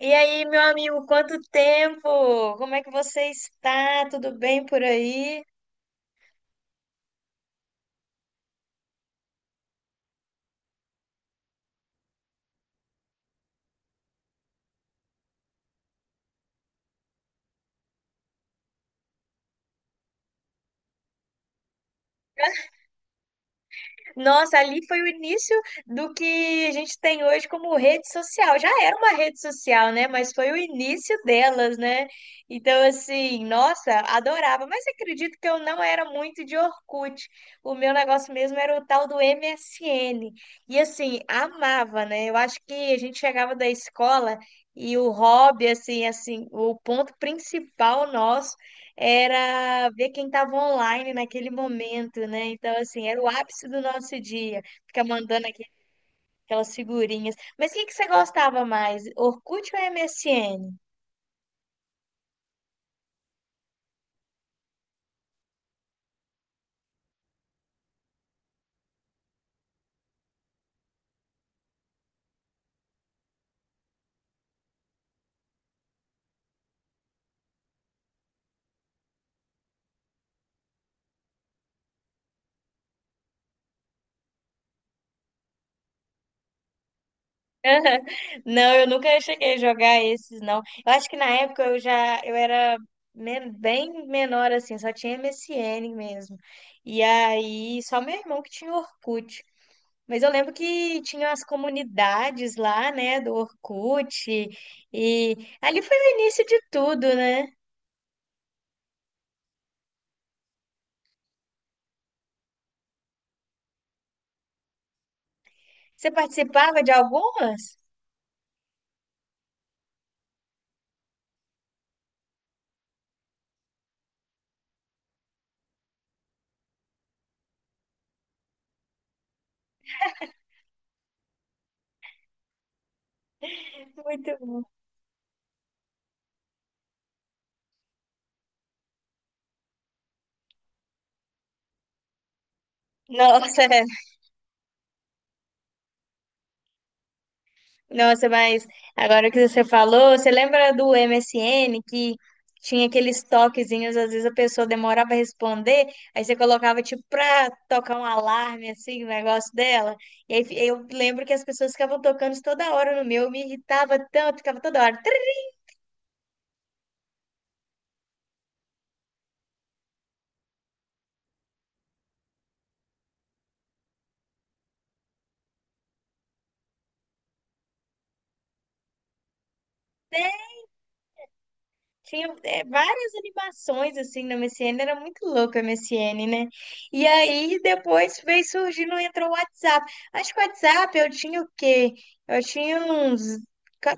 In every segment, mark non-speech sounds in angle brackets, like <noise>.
E aí, meu amigo, quanto tempo? Como é que você está? Tudo bem por aí? Nossa, ali foi o início do que a gente tem hoje como rede social. Já era uma rede social, né? Mas foi o início delas, né? Então, assim, nossa, adorava. Mas acredito que eu não era muito de Orkut. O meu negócio mesmo era o tal do MSN. E, assim, amava, né? Eu acho que a gente chegava da escola e o hobby, assim, assim, o ponto principal nosso era ver quem estava online naquele momento, né? Então, assim, era o ápice do nosso dia, ficar mandando aquelas figurinhas. Mas o que que você gostava mais, Orkut ou MSN? Não, eu nunca cheguei a jogar esses, não. Eu acho que na época eu era bem menor, assim, só tinha MSN mesmo. E aí, só meu irmão que tinha Orkut. Mas eu lembro que tinha as comunidades lá, né, do Orkut, e ali foi o início de tudo, né? Você participava de algumas? Muito bom. Nossa, <laughs> é. Nossa, mas agora que você falou, você lembra do MSN que tinha aqueles toquezinhos, às vezes a pessoa demorava a responder, aí você colocava tipo pra tocar um alarme assim, o negócio dela. E aí eu lembro que as pessoas ficavam tocando isso toda hora no meu, eu me irritava tanto, ficava toda hora. Tinha várias animações assim na MSN, era muito louco a MSN, né? E aí depois veio surgindo, entrou o WhatsApp. Acho que o WhatsApp eu tinha o quê? Eu tinha uns ca-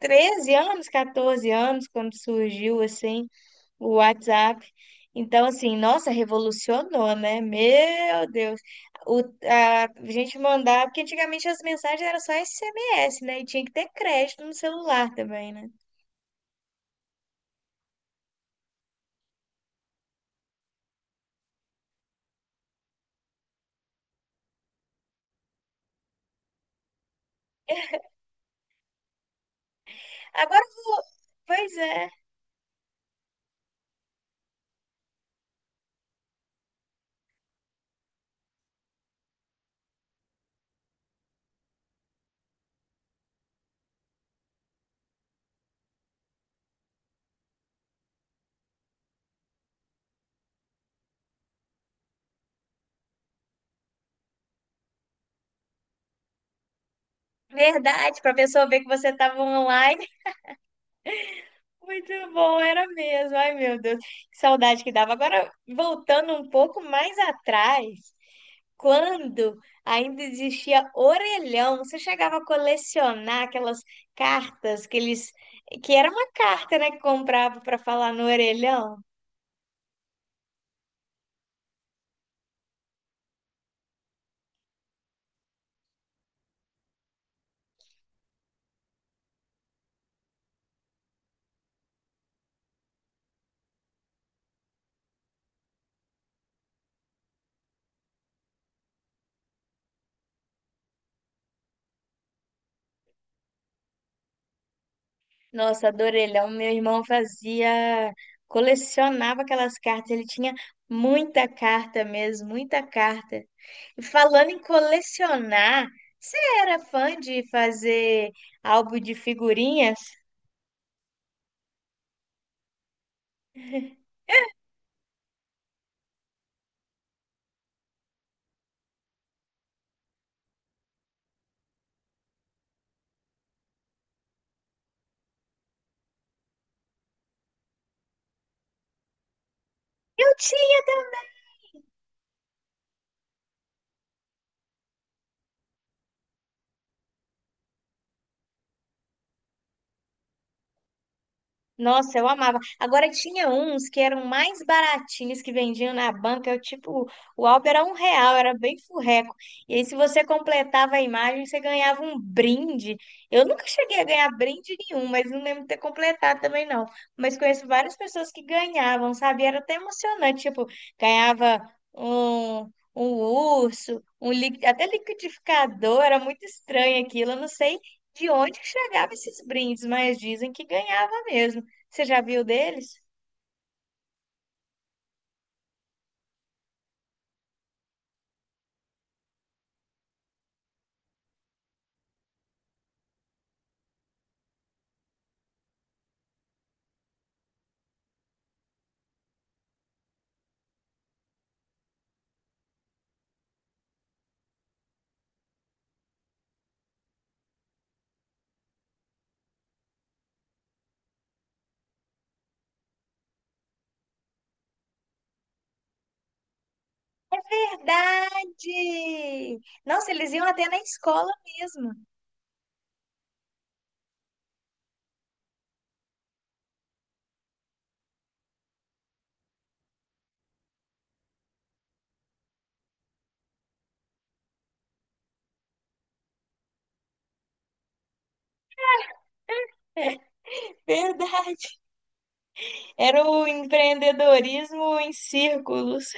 13 anos, 14 anos quando surgiu assim o WhatsApp. Então, assim, nossa, revolucionou, né? Meu Deus. A gente mandava, porque antigamente as mensagens eram só SMS, né? E tinha que ter crédito no celular também, né? Agora eu vou- Pois é. Verdade, para a pessoa ver que você estava online. <laughs> Muito bom, era mesmo. Ai, meu Deus, que saudade que dava. Agora, voltando um pouco mais atrás, quando ainda existia orelhão, você chegava a colecionar aquelas cartas que era uma carta, né, que comprava para falar no orelhão. Nossa, do orelhão, meu irmão fazia, colecionava aquelas cartas, ele tinha muita carta mesmo, muita carta. E, falando em colecionar, você era fã de fazer álbum de figurinhas? Eu Nossa, eu amava. Agora tinha uns que eram mais baratinhos que vendiam na banca, tipo, o álbum era um real, era bem furreco. E aí, se você completava a imagem, você ganhava um brinde. Eu nunca cheguei a ganhar brinde nenhum, mas não lembro de ter completado também, não. Mas conheço várias pessoas que ganhavam, sabe? Era até emocionante, tipo, ganhava um urso, até liquidificador, era muito estranho aquilo. Eu não sei de onde que chegava esses brindes, mas dizem que ganhava mesmo. Você já viu deles? Verdade! Nossa, eles iam até na escola mesmo. Verdade. Era o empreendedorismo em círculos.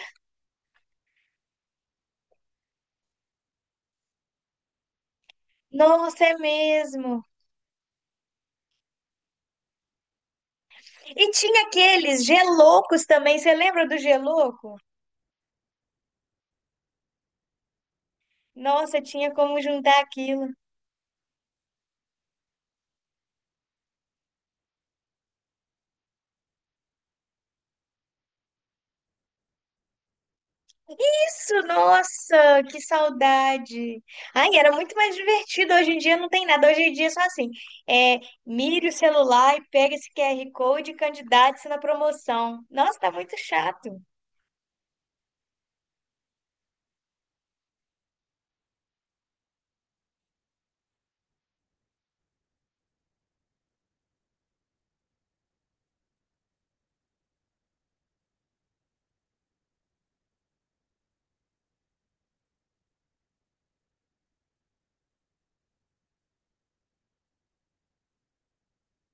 Nossa, é mesmo. E tinha aqueles geloucos também. Você lembra do gelouco? Nossa, tinha como juntar aquilo. Isso, nossa, que saudade. Ai, era muito mais divertido. Hoje em dia não tem nada. Hoje em dia é só assim, é, mire o celular e pega esse QR Code e candidate-se na promoção. Nossa, tá muito chato.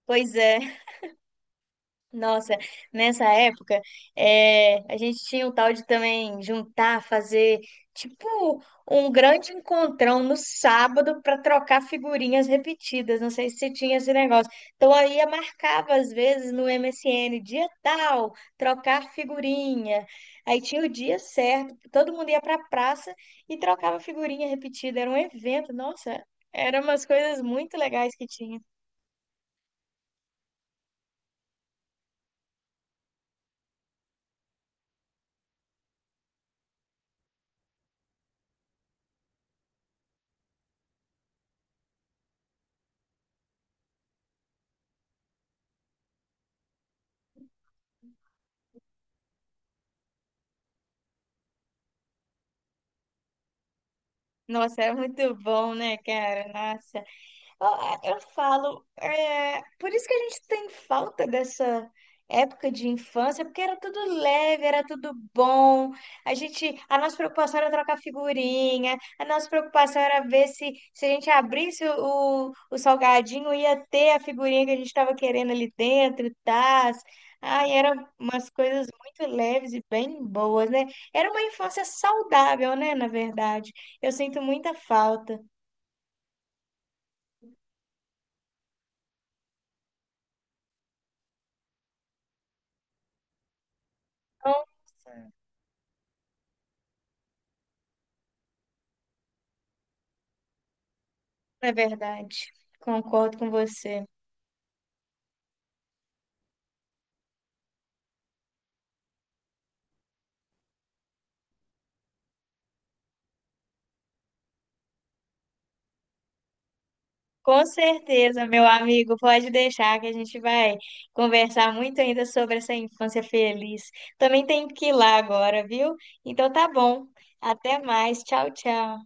Pois é. Nossa, nessa época, a gente tinha o tal de também juntar, fazer tipo um grande encontrão no sábado para trocar figurinhas repetidas. Não sei se você tinha esse negócio. Então, aí eu marcava às vezes no MSN, dia tal, trocar figurinha. Aí tinha o dia certo, todo mundo ia para a praça e trocava figurinha repetida. Era um evento, nossa, eram umas coisas muito legais que tinha. Nossa, era muito bom, né, cara? Nossa. Ah, eu falo, por isso que a gente tem falta dessa época de infância, porque era tudo leve, era tudo bom. A nossa preocupação era trocar figurinha, a nossa preocupação era ver se a gente abrisse o salgadinho, ia ter a figurinha que a gente estava querendo ali dentro, tás. Ai, eram umas coisas muito leves e bem boas, né? Era uma infância saudável, né, na verdade. Eu sinto muita falta. Então, é verdade. Concordo com você. Com certeza, meu amigo, pode deixar que a gente vai conversar muito ainda sobre essa infância feliz. Também tenho que ir lá agora, viu? Então, tá bom. Até mais. Tchau, tchau.